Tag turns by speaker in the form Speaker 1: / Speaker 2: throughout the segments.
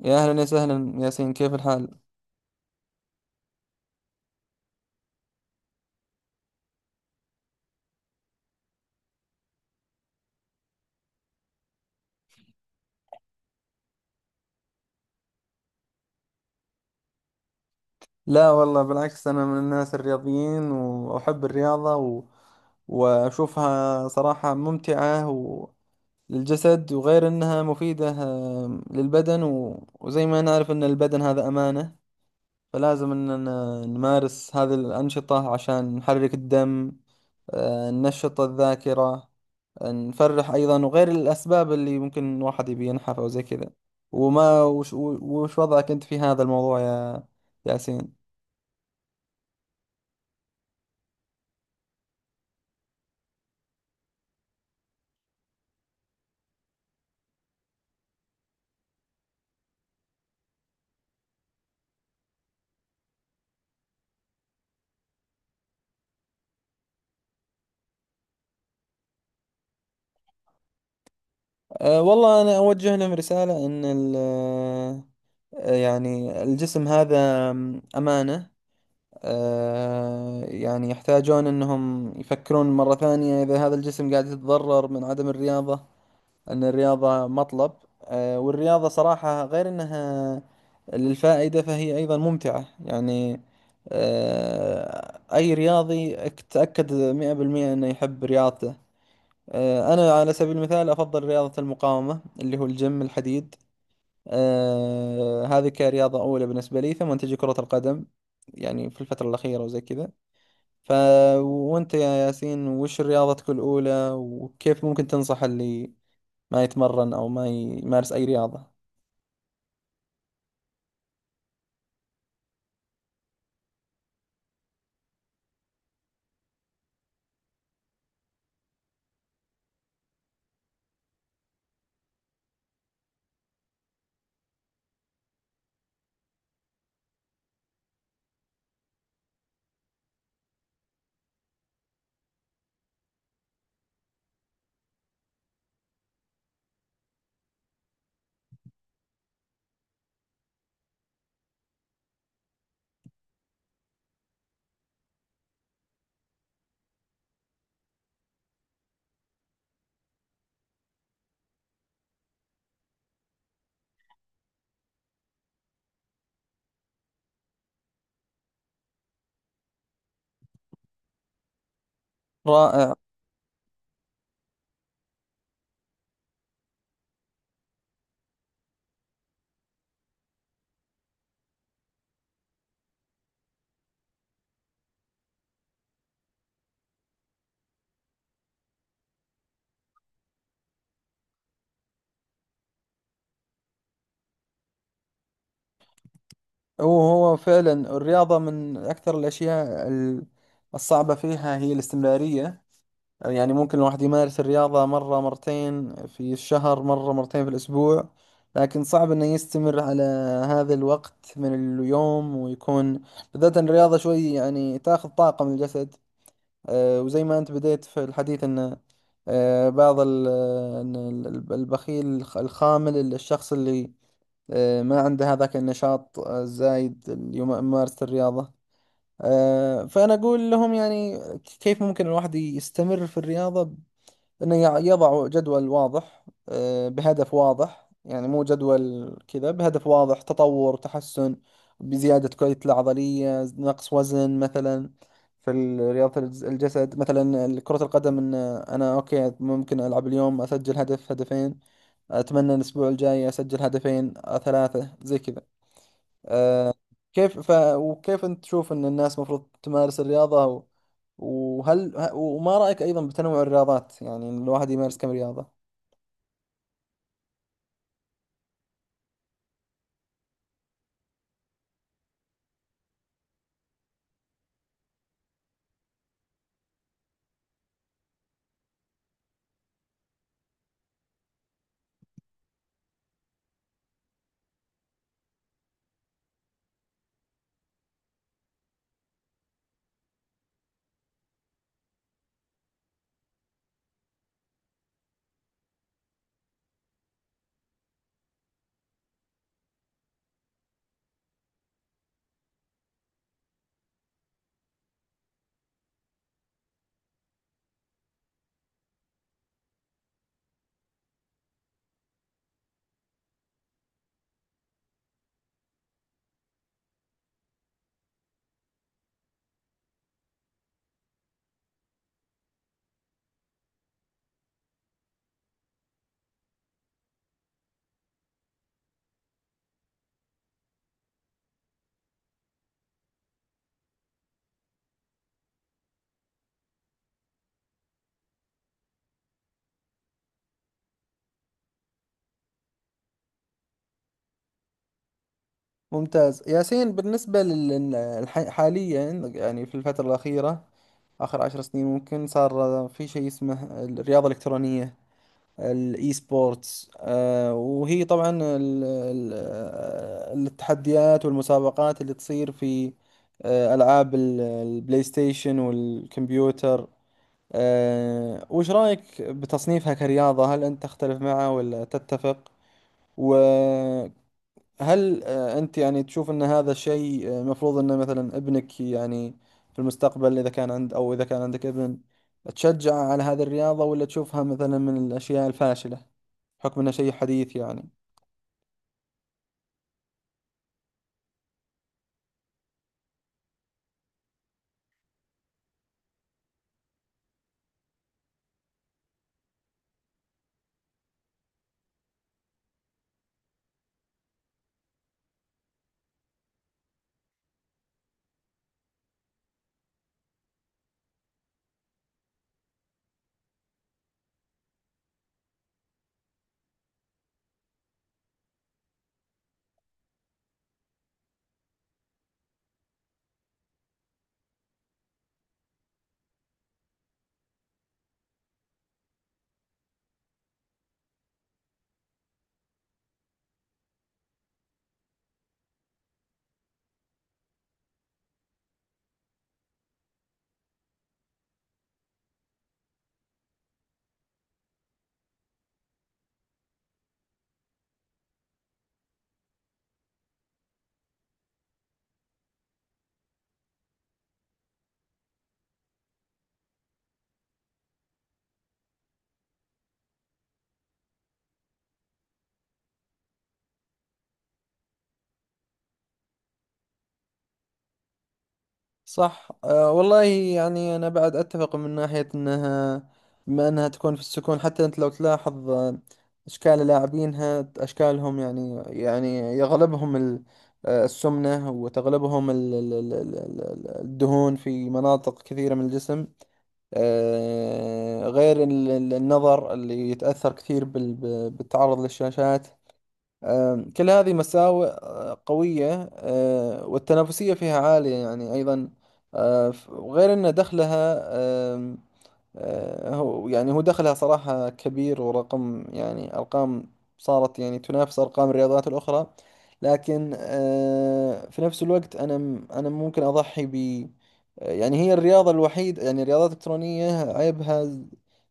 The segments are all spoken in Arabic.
Speaker 1: يا أهلا يا سهلا ياسين، كيف الحال؟ لا والله، بالعكس أنا من الناس الرياضيين وأحب الرياضة وأشوفها صراحة ممتعة للجسد، وغير أنها مفيدة، للبدن وزي ما نعرف أن البدن هذا أمانة، فلازم أننا نمارس هذه الأنشطة عشان نحرك الدم، ننشط الذاكرة، نفرح أيضا، وغير الأسباب اللي ممكن الواحد يبي ينحف أو زي كذا. وش وضعك أنت في هذا الموضوع يا ياسين؟ أه والله، أنا أوجه لهم رسالة، إن ال آه، يعني الجسم هذا أمانة. يعني يحتاجون أنهم يفكرون مرة ثانية، إذا هذا الجسم قاعد يتضرر من عدم الرياضة، أن الرياضة مطلب. والرياضة صراحة غير أنها للفائدة فهي أيضا ممتعة. يعني أي رياضي، تأكد 100% أنه يحب رياضته. أنا على سبيل المثال أفضل رياضة المقاومة، اللي هو الجيم، الحديد. هذه كرياضة أولى بالنسبة لي، ثم تجي كرة القدم، يعني في الفترة الأخيرة وزي كذا. ف وأنت يا ياسين، وش رياضتك الأولى، وكيف ممكن تنصح اللي ما يتمرن أو ما يمارس أي رياضة؟ رائع. هو هو فعلا الرياضة من أكثر الأشياء، الصعبة فيها هي الاستمرارية. يعني ممكن الواحد يمارس الرياضة مرة مرتين في الشهر، مرة مرتين في الأسبوع، لكن صعب إنه يستمر على هذا الوقت من اليوم، ويكون بالذات إن الرياضة شوي يعني تاخذ طاقة من الجسد. وزي ما أنت بديت في الحديث، إن آه، بعض ال- إن ال- البخيل، الخامل، الشخص اللي ما عنده هذاك النشاط الزايد، اللي يمارس الرياضة. فأنا أقول لهم يعني، كيف ممكن الواحد يستمر في الرياضة؟ انه يضع جدول واضح، بهدف واضح، يعني مو جدول كذا، بهدف واضح، تطور، تحسن، بزيادة كتلة العضلية، نقص وزن مثلا. في رياضة الجسد، مثلا كرة القدم، ان انا اوكي، ممكن العب اليوم اسجل هدف هدفين، اتمنى الاسبوع الجاي اسجل هدفين، ثلاثة زي كذا. آه، كيف ف... وكيف أنت تشوف أن الناس المفروض تمارس الرياضة؟ وهل وما رأيك أيضا بتنوع الرياضات؟ يعني إن الواحد يمارس كم رياضة؟ ممتاز ياسين. بالنسبة حاليا، يعني في الفترة الأخيرة، آخر 10 سنين، ممكن صار في شيء اسمه الرياضة الإلكترونية، الإي سبورتس. وهي طبعا ال... ال... آه، التحديات والمسابقات اللي تصير في ألعاب البلاي ستيشن والكمبيوتر. أه، وش رأيك بتصنيفها كرياضة؟ هل أنت تختلف معه ولا تتفق؟ وهل أنت يعني تشوف أن هذا الشيء مفروض أن مثلا ابنك، يعني في المستقبل، إذا كان عند، أو إذا كان عندك ابن، تشجعه على هذه الرياضة، ولا تشوفها مثلا من الأشياء الفاشلة، بحكم أنها شيء حديث يعني؟ صح. أه والله، يعني أنا بعد أتفق، من ناحية أنها، بما أنها تكون في السكون، حتى أنت لو تلاحظ أشكال لاعبينها، أشكالهم، يعني يغلبهم السمنة، وتغلبهم الدهون في مناطق كثيرة من الجسم. غير النظر اللي يتأثر كثير بالتعرض للشاشات. كل هذه مساوئ قوية، والتنافسية فيها عالية يعني أيضا. وغير أن دخلها، آم، آه، هو يعني دخلها صراحة كبير، ورقم، يعني أرقام صارت يعني تنافس أرقام الرياضات الأخرى. لكن في نفس الوقت، أنا ممكن أضحي ب آه، يعني هي الرياضة الوحيدة، يعني الرياضات الإلكترونية عيبها،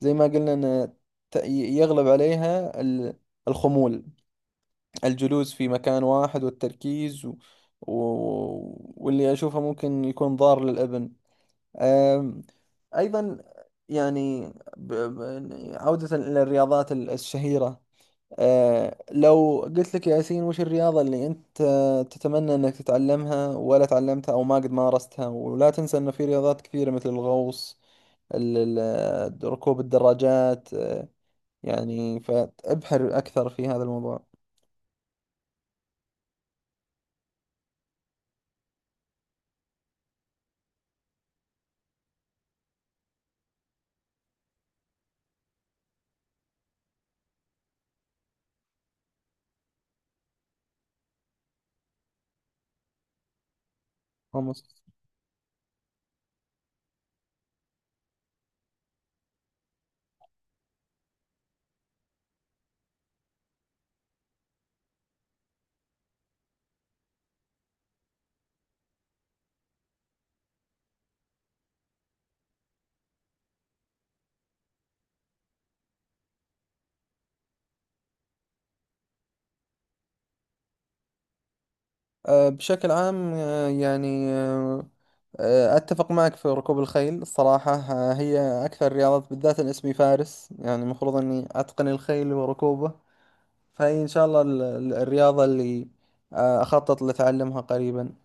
Speaker 1: زي ما قلنا، أن يغلب عليها الخمول، الجلوس في مكان واحد والتركيز و... واللي أشوفه ممكن يكون ضار للابن، أم، أيضا. يعني ب... ب... عودة إلى الرياضات الشهيرة. أه، لو قلت لك يا ياسين، وش الرياضة اللي أنت تتمنى أنك تتعلمها ولا تعلمتها، أو ما قد مارستها؟ ولا تنسى أنه في رياضات كثيرة، مثل الغوص، ركوب الدراجات. أه، يعني فابحر أكثر في هذا الموضوع. بشكل عام، أتفق معك في ركوب الخيل. الصراحة هي أكثر الرياضات، بالذات أن اسمي فارس، يعني المفروض أني أتقن الخيل وركوبه. فهي إن شاء الله الرياضة اللي أخطط لأتعلمها قريبا.